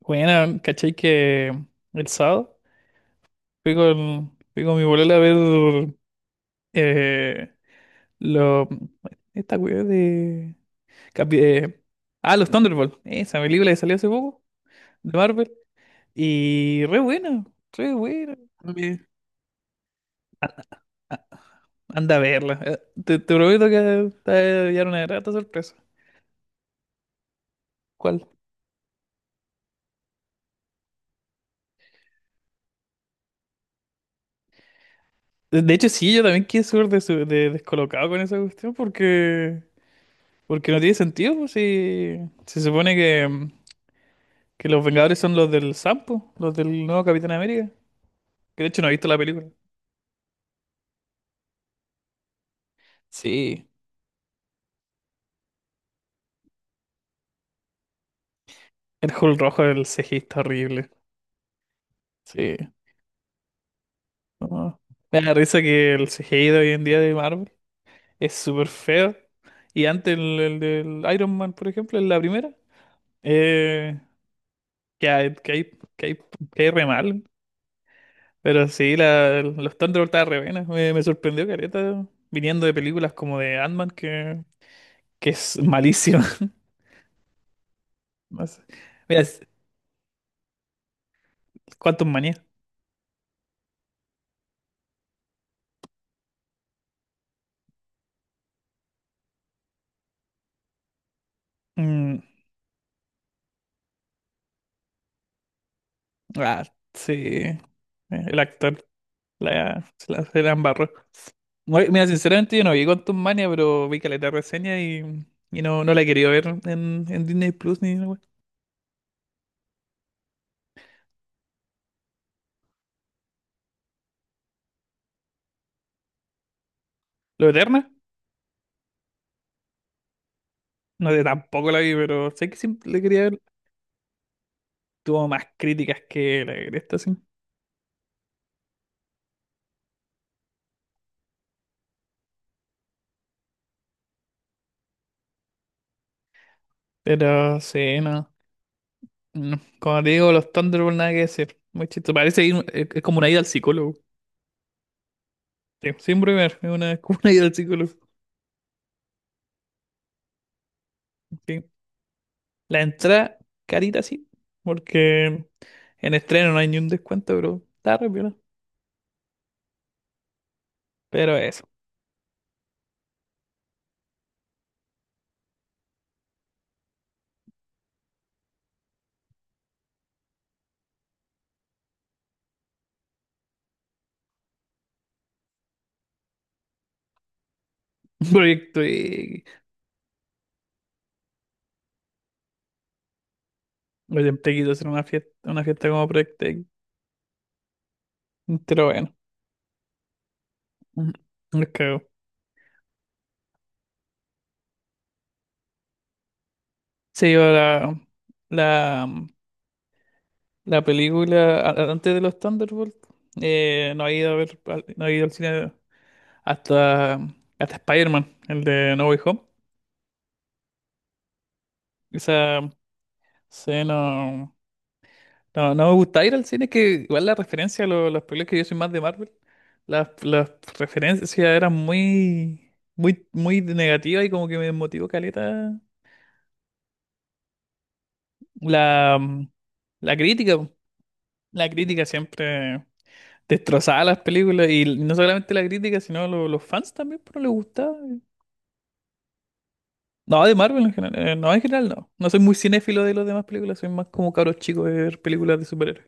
Bueno, ¿cachai que el sábado fui con mi bolola a ver eh, lo, esta weá de, capi- eh, los Thunderbolts, esa película que salió hace poco de Marvel. Y re buena, re buena. Eh, Anda a verla. Te prometo que te va a llevar una grata sorpresa. ¿Cuál? De hecho, sí, yo también quedé súper descolocado con esa cuestión porque, porque no tiene sentido, pues, si se supone que. Que los Vengadores son los del Sampo, los del nuevo Capitán América. Que de hecho no he visto la película. Sí, el Hulk rojo del CGI está horrible. Sí. No. Me da risa que el CGI de hoy en día de Marvel es súper feo. Y antes el del Iron Man, por ejemplo, en la primera, eh, que hay, que hay, que hay re mal. Pero sí, los Thunderbolts estaban re buenas. Me sorprendió Careta viniendo de películas como de Ant-Man, que es malísimo. No sé. Mira, ¿cuántos manías? Mm, ah, sí. El actor se la embarró. No, mira, sinceramente yo no vi Quantum Mania, pero vi caleta de reseña y no, no la he querido ver en Disney Plus ni nada. Lo Eterna, no sé, tampoco la vi, pero sé que siempre la quería ver. Tuvo más críticas que la de esta, sí. Pero sí, no. No. Como te digo, los Thunderbolts nada que decir. Muy chistoso. Es como una ida al psicólogo. Sí, siempre ver, es una, es como una ida al psicólogo. Sí. La entrada carita sí, porque en estreno no hay ni un descuento, bro. Está re piola. Pero eso, proyecto y... Yo siempre quise hacer una fiesta como proyecto X. Pero bueno, me cago. Se iba la, la película antes de los Thunderbolts. No he ido a ver, no he ido al cine hasta, hasta Spider-Man, el de No Way Home. Esa escena no, no me gusta ir al cine, que igual la referencia a las películas que yo soy más de Marvel, las referencias eran muy negativas y como que me desmotivó caleta la, la crítica, po. La crítica siempre destrozaba las películas y no solamente la crítica, sino los fans también, pero les gustaba. No, de Marvel en general, no, en general no. No soy muy cinéfilo de las demás películas, soy más como cabros chicos de ver películas de superhéroes.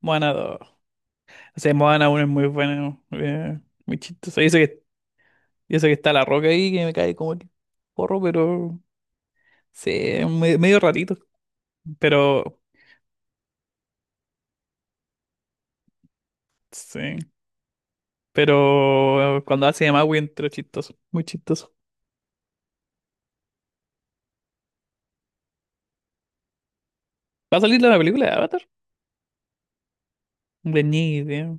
Moana dos. O sea, Moana uno es muy bueno, muy chistoso. Dice que y eso que está la roca ahí que me cae como el porro, pero sí, es medio ratito. Pero sí, pero cuando hace de Maui entró chistoso, muy chistoso. ¿Va a salir la película de Avatar? De ni idea.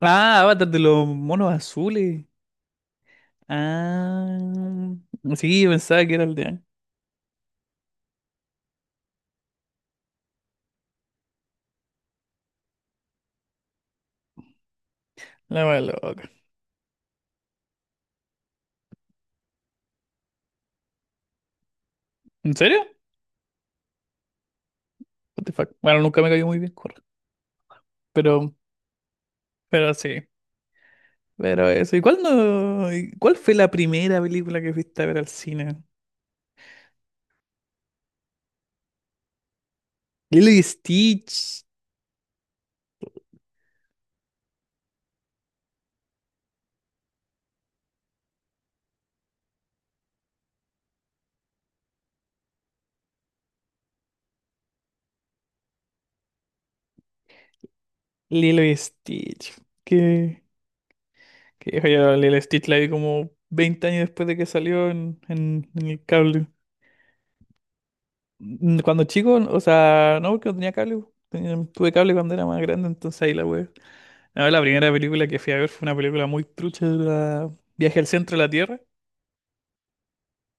Ah, Avatar de los monos azules. Ah, sí, pensaba que era el de la wea loca. ¿En serio? What the fuck. Bueno, nunca me cayó muy bien, corre. Pero, pero sí. Pero eso. ¿Y cuál no? ¿Y cuál fue la primera película que fuiste a ver al cine? Lilo y Stitch. Lilo y Stitch. Que, que hijo, yo Lilo y Stitch la vi como veinte años después de que salió en, en el cable. Mm, cuando chico, o sea, no, porque no tenía cable. Tuve cable cuando era más grande, entonces ahí la web. No, la primera película que fui a ver fue una película muy trucha, la Viaje al centro de la Tierra.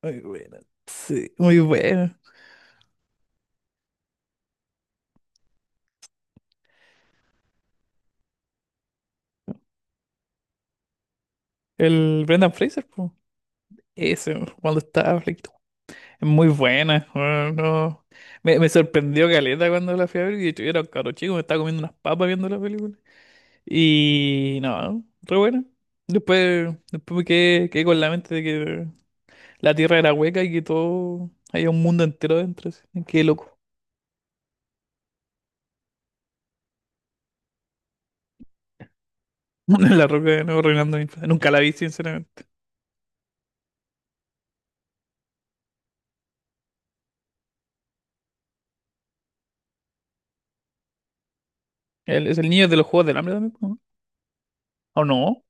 Muy buena. Sí, muy buena. El Brendan Fraser, po. Ese, cuando estaba flaquito. Es muy buena, bueno no. Me sorprendió caleta cuando la fui a ver. Y de hecho, yo era un caro chico, me estaba comiendo unas papas viendo la película. Y no, re buena. Después quedé con la mente de que la tierra era hueca y que todo. Había un mundo entero dentro, así. Qué loco. La roca de nuevo reinando mi infancia. Nunca la vi, sinceramente. Es el niño de los Juegos del Hambre también, ¿no? ¿O no?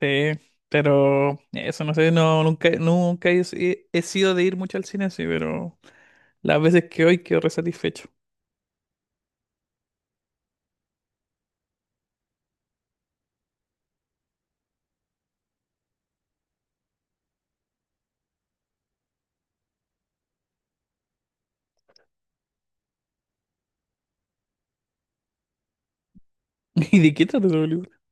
Sí, pero eso no sé, no, nunca he, he sido de ir mucho al cine, sí, pero las veces que hoy quedo re satisfecho. ¿Y de qué trata esa película?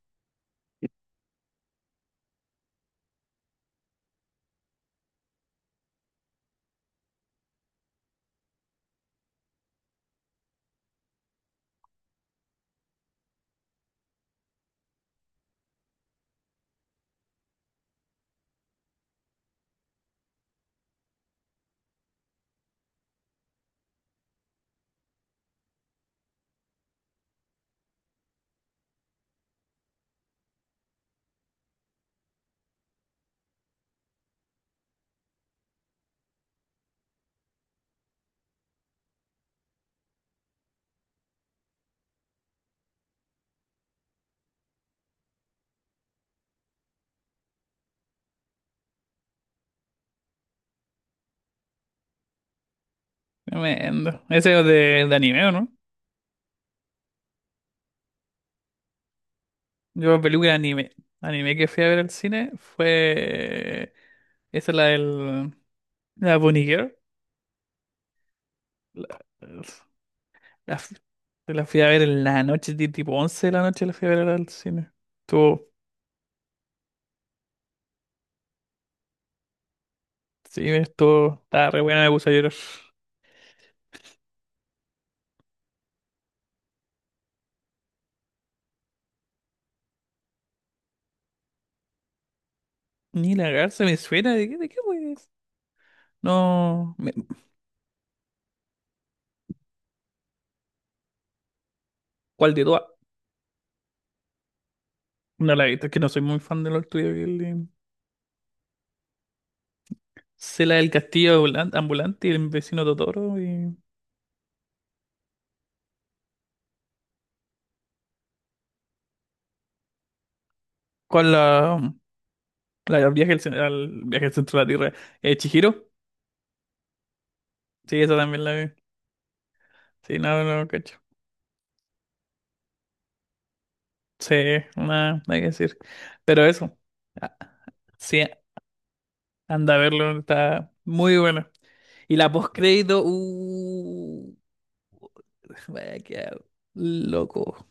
Tremendo. Ese es de anime, ¿o no? Yo, película de anime. Anime que fui a ver al cine fue. Esa es la del. La Bunny Girl. La, la fu- la fui a ver en la noche, tipo 11 de la noche, la fui a ver al cine. Estuvo. Sí, estuvo. Estaba re buena, me puse a llorar. Ni la garza me suena. De qué, fue no, ¿cuál de todas? No la he visto, es que no soy muy fan de los tuyos. Sé la del castillo ambulante y el vecino Totoro. Y... ¿Cuál la del viaje al, al viaje al centro de la Tierra? ¿Chihiro? Sí, esa también la vi. Sí, no, no, no, cacho. Sí, nada, nada que decir. Pero eso, ah, sí, anda a verlo, está muy bueno. Y la postcrédito, vaya, quedar loco.